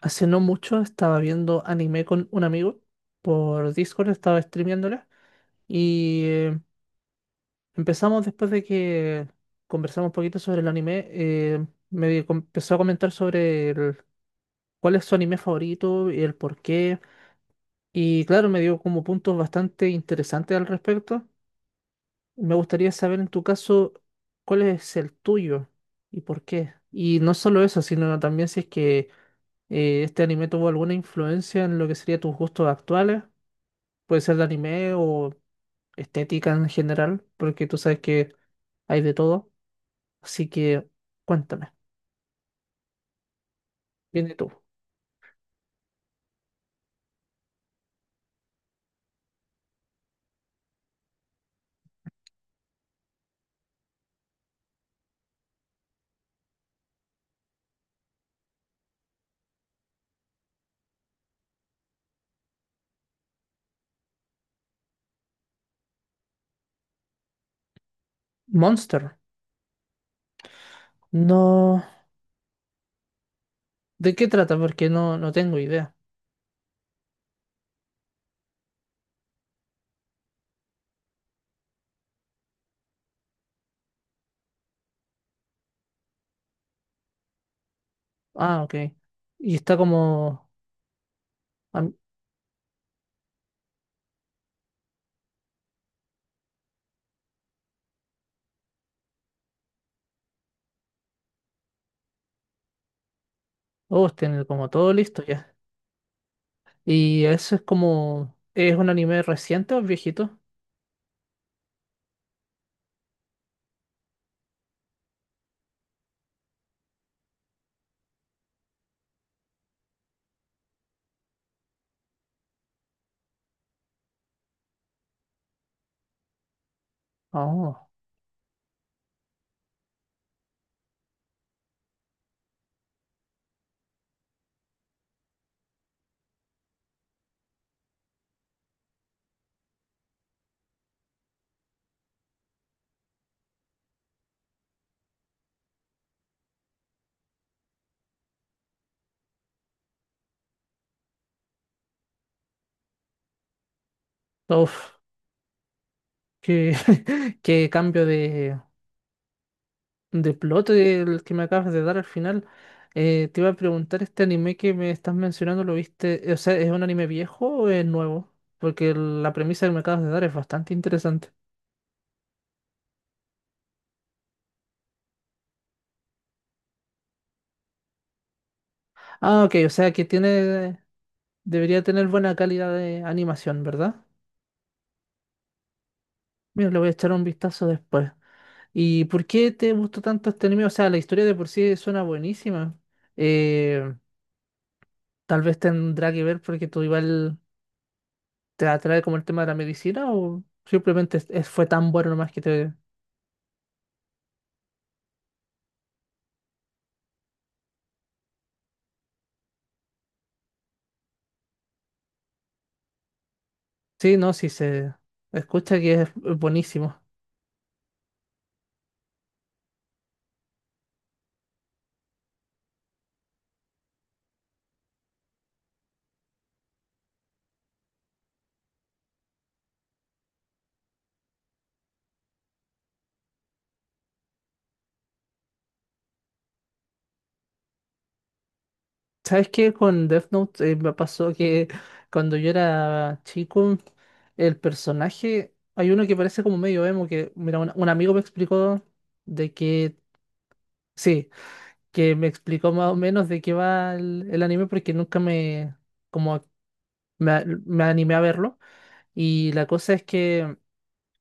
Hace no mucho estaba viendo anime con un amigo por Discord, estaba streameándola y empezamos después de que conversamos un poquito sobre el anime, empezó a comentar sobre cuál es su anime favorito y el por qué. Y claro, me dio como puntos bastante interesantes al respecto. Me gustaría saber en tu caso cuál es el tuyo y por qué. Y no solo eso, sino también si es que este anime tuvo alguna influencia en lo que sería tus gustos actuales. Puede ser de anime o estética en general, porque tú sabes que hay de todo. Así que cuéntame, viene tú. Monster. No. ¿De qué trata? Porque no tengo idea. Ah, ok. Y está como. am- Oh, tiene como todo listo ya. Y eso es como. ¿Es un anime reciente o es viejito? Oh. Uf. Qué, qué cambio de plot el que me acabas de dar al final. Te iba a preguntar, este anime que me estás mencionando, ¿lo viste? O sea, ¿es un anime viejo o es nuevo? Porque la premisa que me acabas de dar es bastante interesante. Ah, ok, o sea que tiene, debería tener buena calidad de animación, ¿verdad? Mira, le voy a echar un vistazo después. ¿Y por qué te gustó tanto este anime? O sea, la historia de por sí suena buenísima. Eh, tal vez tendrá que ver porque tú igual ¿te atrae como el tema de la medicina o simplemente fue tan bueno nomás que te... Sí, no, sí se escucha que es buenísimo. ¿Sabes qué? Con Death Note me pasó que cuando yo era chico, el personaje, hay uno que parece como medio emo, que, mira, un amigo me explicó de que, sí, que me explicó más o menos de qué va el anime porque nunca me, como, me animé a verlo. Y la cosa es que...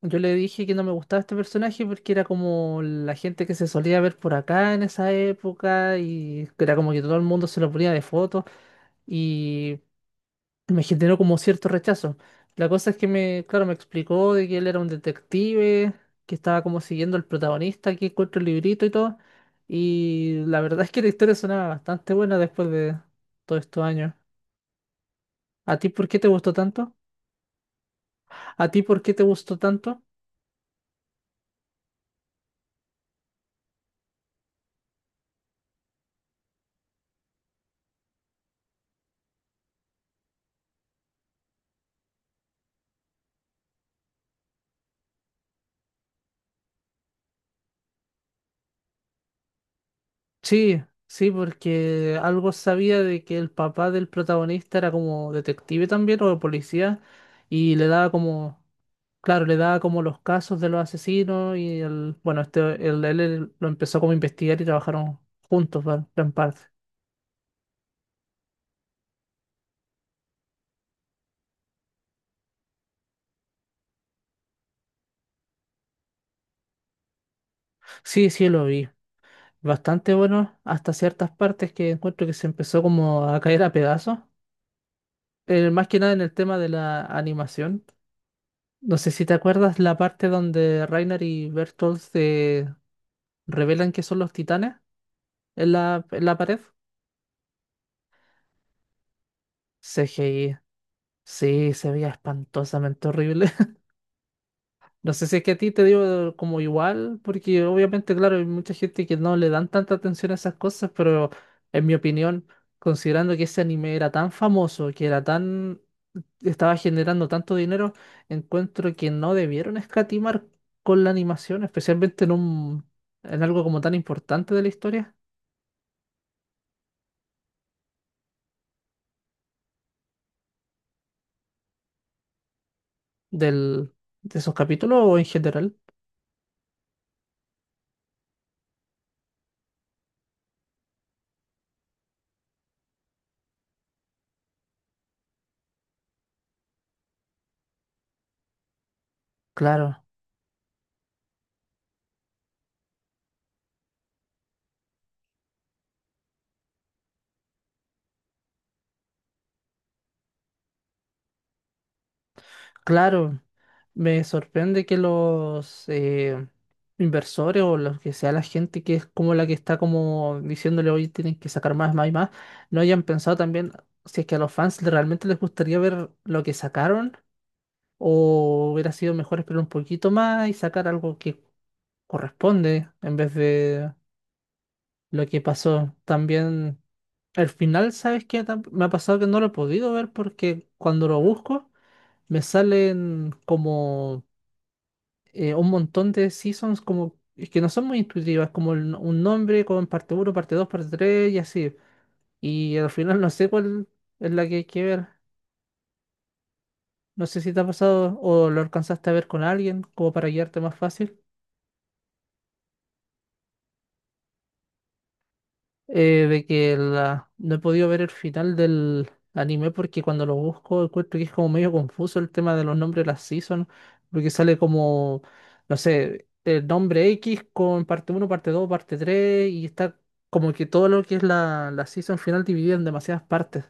Yo le dije que no me gustaba este personaje porque era como la gente que se solía ver por acá en esa época y que era como que todo el mundo se lo ponía de foto y me generó como cierto rechazo. La cosa es que me, claro, me explicó de que él era un detective, que estaba como siguiendo al protagonista, que encuentra el librito y todo. Y la verdad es que la historia sonaba bastante buena después de todos estos años. ¿A ti por qué te gustó tanto? ¿A ti por qué te gustó tanto? Sí, sí, porque algo sabía de que el papá del protagonista era como detective también o policía y le daba como, claro, le daba como los casos de los asesinos y el, bueno, este, el, él lo empezó como a investigar y trabajaron juntos, ¿vale? En parte. Sí, sí, lo vi. Bastante bueno hasta ciertas partes que encuentro que se empezó como a caer a pedazos. Más que nada en el tema de la animación. No sé si te acuerdas la parte donde Reiner y Bertolt se revelan que son los titanes en en la pared. CGI. Sí, se veía espantosamente horrible. No sé si es que a ti te digo como igual, porque obviamente, claro, hay mucha gente que no le dan tanta atención a esas cosas, pero en mi opinión, considerando que ese anime era tan famoso, que era tan, estaba generando tanto dinero, encuentro que no debieron escatimar con la animación, especialmente en en algo como tan importante de la historia del, de esos capítulos o en general. Claro. Claro, me sorprende que los inversores o los que sea la gente que es como la que está como diciéndole hoy tienen que sacar más, más y más, no hayan pensado también si es que a los fans realmente les gustaría ver lo que sacaron o hubiera sido mejor esperar un poquito más y sacar algo que corresponde en vez de lo que pasó. También al final, ¿sabes qué? Me ha pasado que no lo he podido ver porque cuando lo busco me salen como un montón de seasons como que no son muy intuitivas, como no, un nombre con parte uno parte 2 parte 3 y así. Y al final no sé cuál es la que hay que ver. No sé si te ha pasado o lo alcanzaste a ver con alguien, como para guiarte más fácil. No he podido ver el final del anime porque cuando lo busco encuentro que es como medio confuso el tema de los nombres de las seasons, porque sale como, no sé, el nombre X con parte uno parte 2 parte 3 y está como que todo lo que es la season final dividida en demasiadas partes.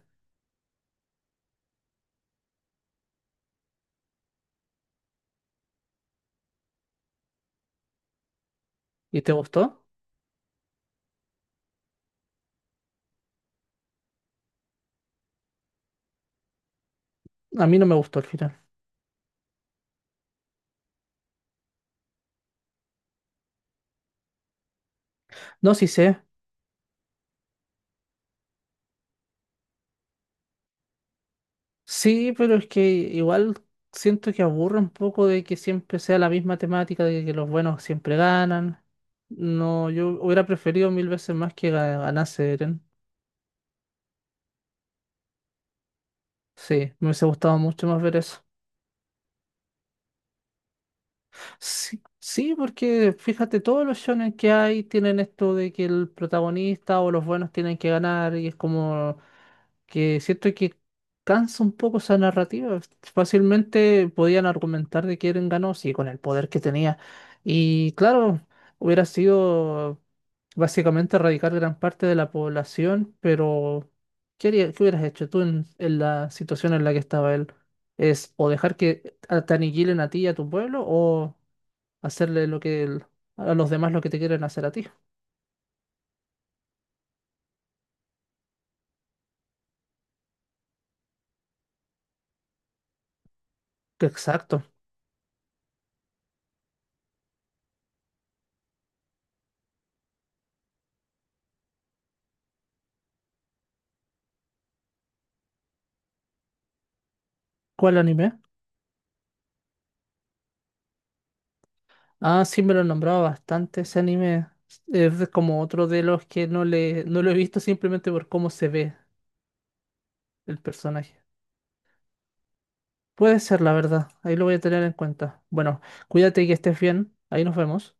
¿Y te gustó? A mí no me gustó el final. No, sí sé. Sí, pero es que igual siento que aburre un poco de que siempre sea la misma temática, de que los buenos siempre ganan. No, yo hubiera preferido mil veces más que ganase Eren. Sí, me hubiese gustado mucho más ver eso. Sí, sí, porque fíjate, todos los shonen que hay tienen esto de que el protagonista o los buenos tienen que ganar y es como que siento que cansa un poco esa narrativa. Fácilmente podían argumentar de quién ganó, sí, con el poder que tenía. Y claro, hubiera sido básicamente erradicar gran parte de la población, pero ¿qué hubieras hecho tú en la situación en la que estaba él? ¿Es o dejar que te aniquilen a ti y a tu pueblo o hacerle lo que a los demás lo que te quieren hacer a ti? Exacto. ¿Cuál anime? Ah, sí, me lo nombraba bastante ese anime. Es como otro de los que no lo he visto simplemente por cómo se ve el personaje. Puede ser, la verdad. Ahí lo voy a tener en cuenta. Bueno, cuídate y que estés bien. Ahí nos vemos.